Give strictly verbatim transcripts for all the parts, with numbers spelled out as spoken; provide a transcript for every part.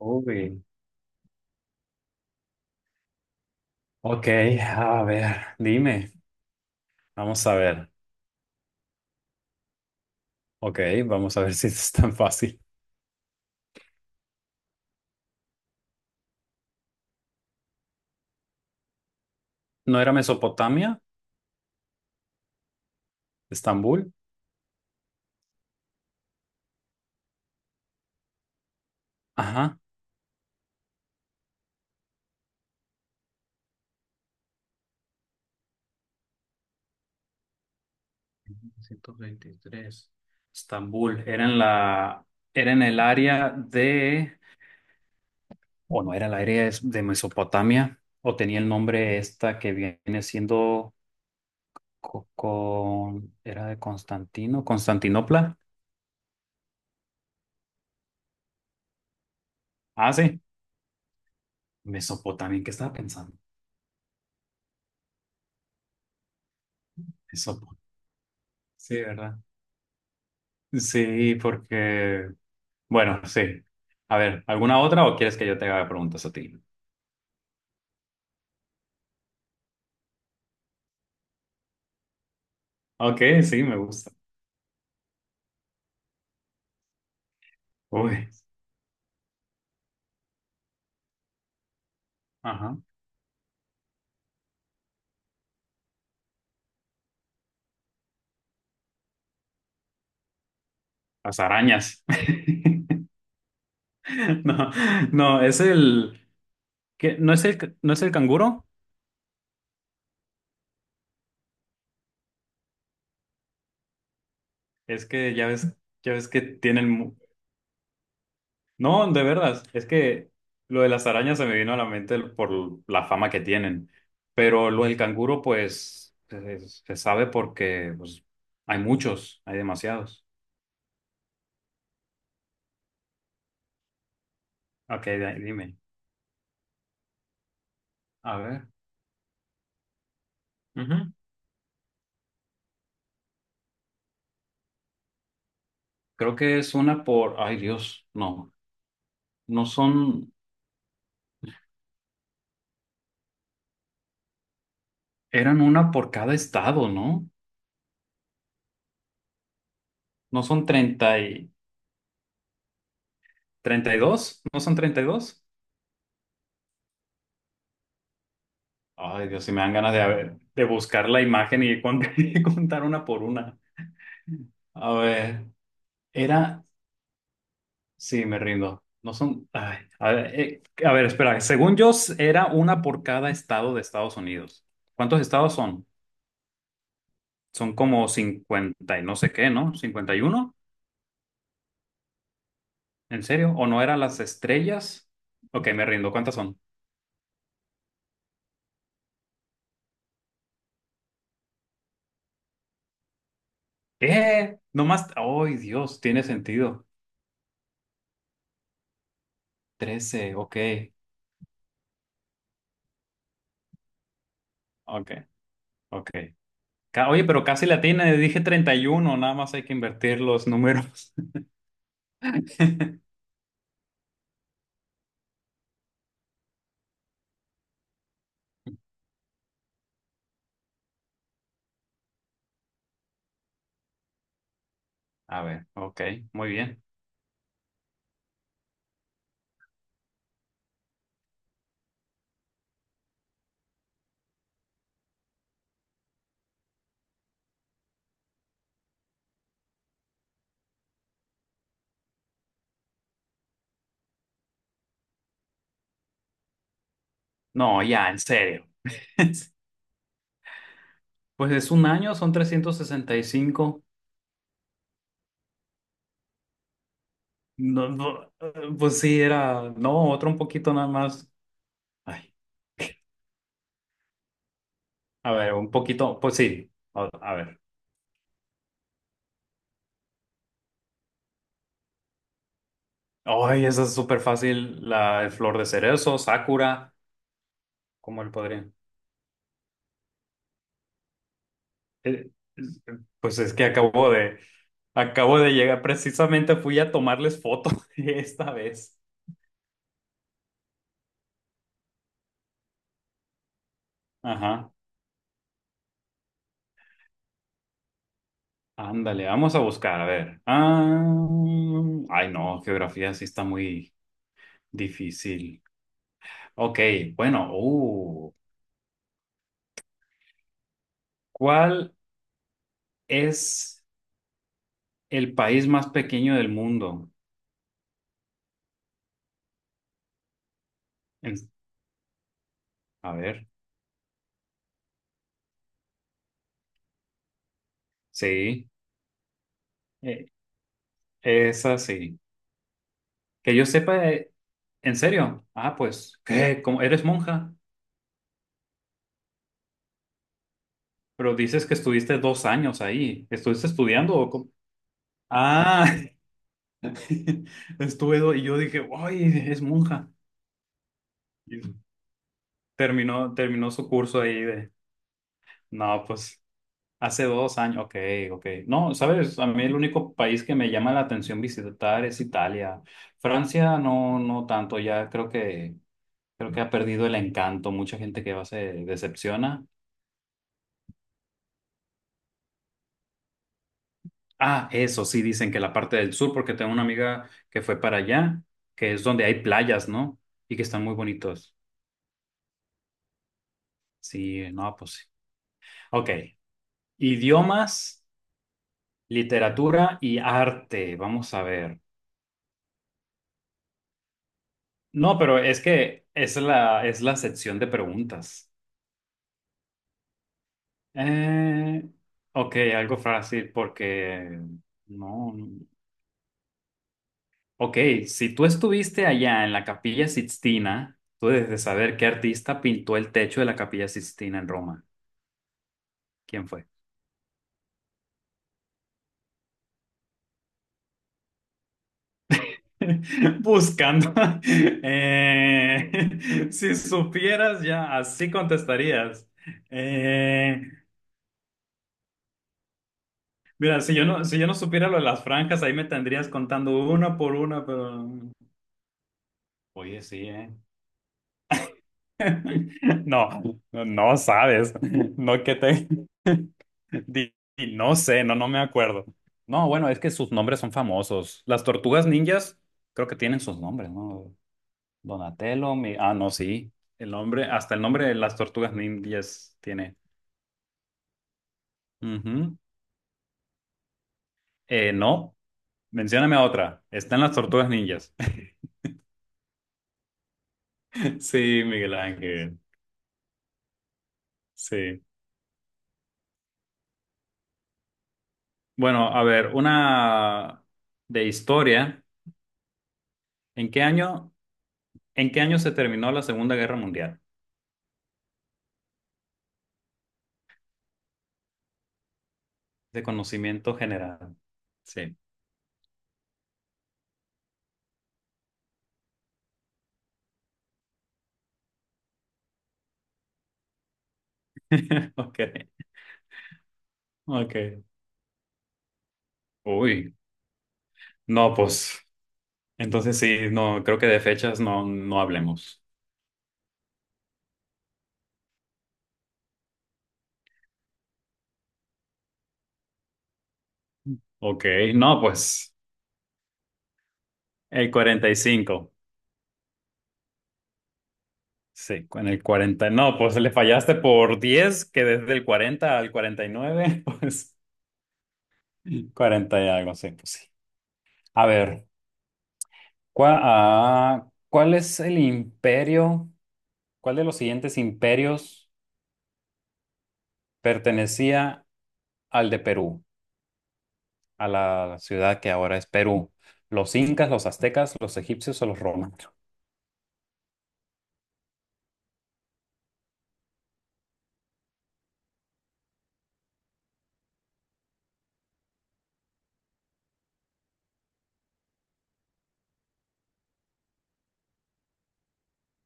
Uy. Ok, a ver, dime. Vamos a ver. Ok, vamos a ver si es tan fácil. ¿No era Mesopotamia? ¿Estambul? Ajá. Ciento veintitrés. Estambul. Era en la, era en el área de, o no era el área es- de Mesopotamia, o tenía el nombre esta que viene siendo co- con, era de Constantino, Constantinopla. Ah, sí. Mesopotamia, ¿en qué estaba pensando? Mesopotamia. Sí, ¿verdad? Sí, porque, bueno, sí. A ver, ¿alguna otra o quieres que yo te haga preguntas a ti? Ok, sí, me gusta. Uy, ajá. Las arañas. No, no, es el que no es el no es el canguro, es que ya ves, ya ves que tienen mu- No, de verdad, es que lo de las arañas se me vino a la mente por la fama que tienen, pero lo del canguro pues se, se sabe porque pues hay muchos, hay demasiados. Ok, de- dime. A ver, ujú. Creo que es una por, ay Dios, no, no son, eran una por cada estado, ¿no? No son treinta y treinta y dos, no son treinta y dos. Ay Dios, si me dan ganas de, a ver, de buscar la imagen y cont- y contar una por una. A ver, era, sí, me rindo. No son, ay, a ver, eh, a ver, espera, según yo s- era una por cada estado de Estados Unidos. ¿Cuántos estados son? Son como cincuenta y no sé qué, ¿no? Cincuenta y uno. ¿En serio? ¿O no eran las estrellas? Ok, me rindo. ¿Cuántas son? ¿Qué? Nomás. ¡Ay, Dios! Tiene sentido. Trece. Ok. Ok. Ok. Ca- Oye, pero casi la tiene. Dije treinta y uno. Nada más hay que invertir los números. A ver. Ok. Muy bien. No, ya, en serio. Pues es un año, son trescientos sesenta y cinco. No, no, eh, pues sí, era. No, otro un poquito nada más. Ay, a ver, un poquito. Pues sí. a a ver. Ay, esa es súper fácil. La de flor de cerezo, Sakura, ¿cómo él podría? Eh, es- pues es que acabo de, acabo de llegar. Precisamente fui a tomarles foto esta vez. Ajá. Ándale, vamos a buscar, a ver. Ah, ay, no, geografía sí está muy difícil. Ok, bueno, uh, ¿cuál es el país más pequeño del mundo? En- a ver, sí, eh, esa sí. Que yo sepa, eh, en serio. Ah, pues, ¿qué? ¿Cómo- ¿Eres monja? Pero dices que estuviste dos años ahí. ¿Estuviste estudiando o cómo? Ah, estuve do- y yo dije, ¡ay, es monja! Y terminó, terminó su curso ahí de, no, pues, hace dos años. Ok, ok. No, sabes, a mí el único país que me llama la atención visitar es Italia. Francia no, no tanto, ya creo que, creo que ha perdido el encanto. Mucha gente que va se decepciona. Ah, eso sí, dicen que la parte del sur, porque tengo una amiga que fue para allá, que es donde hay playas, ¿no? Y que están muy bonitos. Sí, no, pues sí. Ok, idiomas, literatura y arte, vamos a ver. No, pero es que es la, es la sección de preguntas. Eh, ok, algo fácil, porque no. No. Ok, si tú estuviste allá en la Capilla Sixtina, tú debes de saber qué artista pintó el techo de la Capilla Sixtina en Roma. ¿Quién fue? Buscando. Eh, si supieras ya, así contestarías. Eh, mira, si yo no, si yo no supiera lo de las franjas, ahí me tendrías contando una por una, pero... Oye, sí, ¿eh? No, no sabes. No que te... di- di- no sé, no, no me acuerdo. No, bueno, es que sus nombres son famosos. Las tortugas ninjas creo que tienen sus nombres, ¿no? Donatello, mi... Ah, no, sí. El nombre, hasta el nombre de las tortugas ninjas tiene. Ujú. Eh, no, mencióname otra. Están las tortugas ninjas. Sí, Miguel Ángel. Sí. Bueno, a ver, una de historia. ¿En qué año, en qué año se terminó la Segunda Guerra Mundial? De conocimiento general. Sí. Ok, ok. Uy, no, pues. Entonces sí, no, creo que de fechas no, no hablemos. Ok, no, pues. El cuarenta y cinco. Sí, con el cuarenta. No, pues le fallaste por diez que desde el cuarenta al cuarenta y nueve, pues cuarenta y algo, sí, pues sí. A ver, ¿cuál, ah, ¿cuál es el imperio? ¿Cuál de los siguientes imperios pertenecía al de Perú, a la ciudad que ahora es Perú? ¿Los incas, los aztecas, los egipcios o los romanos?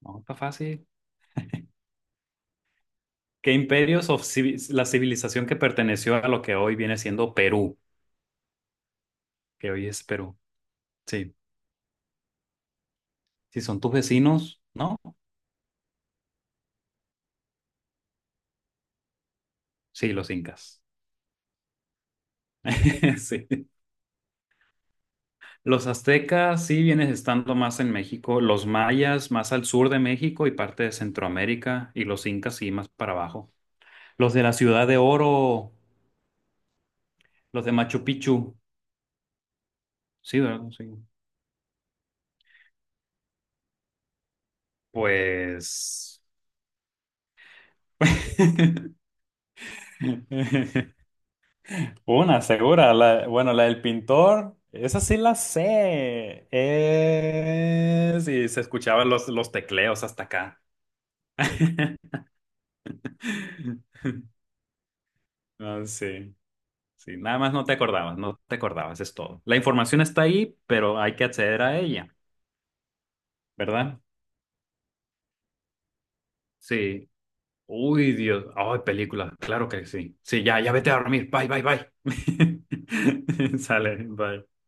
No, está fácil. ¿Qué imperios o civi- la civilización que perteneció a lo que hoy viene siendo Perú, que hoy es Perú? Sí, si son tus vecinos, ¿no? Sí, los incas. Sí. Los aztecas sí vienes estando más en México, los mayas más al sur de México y parte de Centroamérica, y los incas sí más para abajo. Los de la Ciudad de Oro, los de Machu Picchu, sí, ¿verdad? Sí. Pues... Una, segura. La- bueno, la del pintor, esa sí la sé. Es... Y se escuchaban los, los tecleos hasta acá. Ah, sí, sí, nada más no te acordabas, no te acordabas, es todo. La información está ahí, pero hay que acceder a ella, ¿verdad? Sí. Uy, Dios. Ay, película, claro que sí. Sí, ya, ya vete a dormir. Bye, bye, bye. Sale, bye.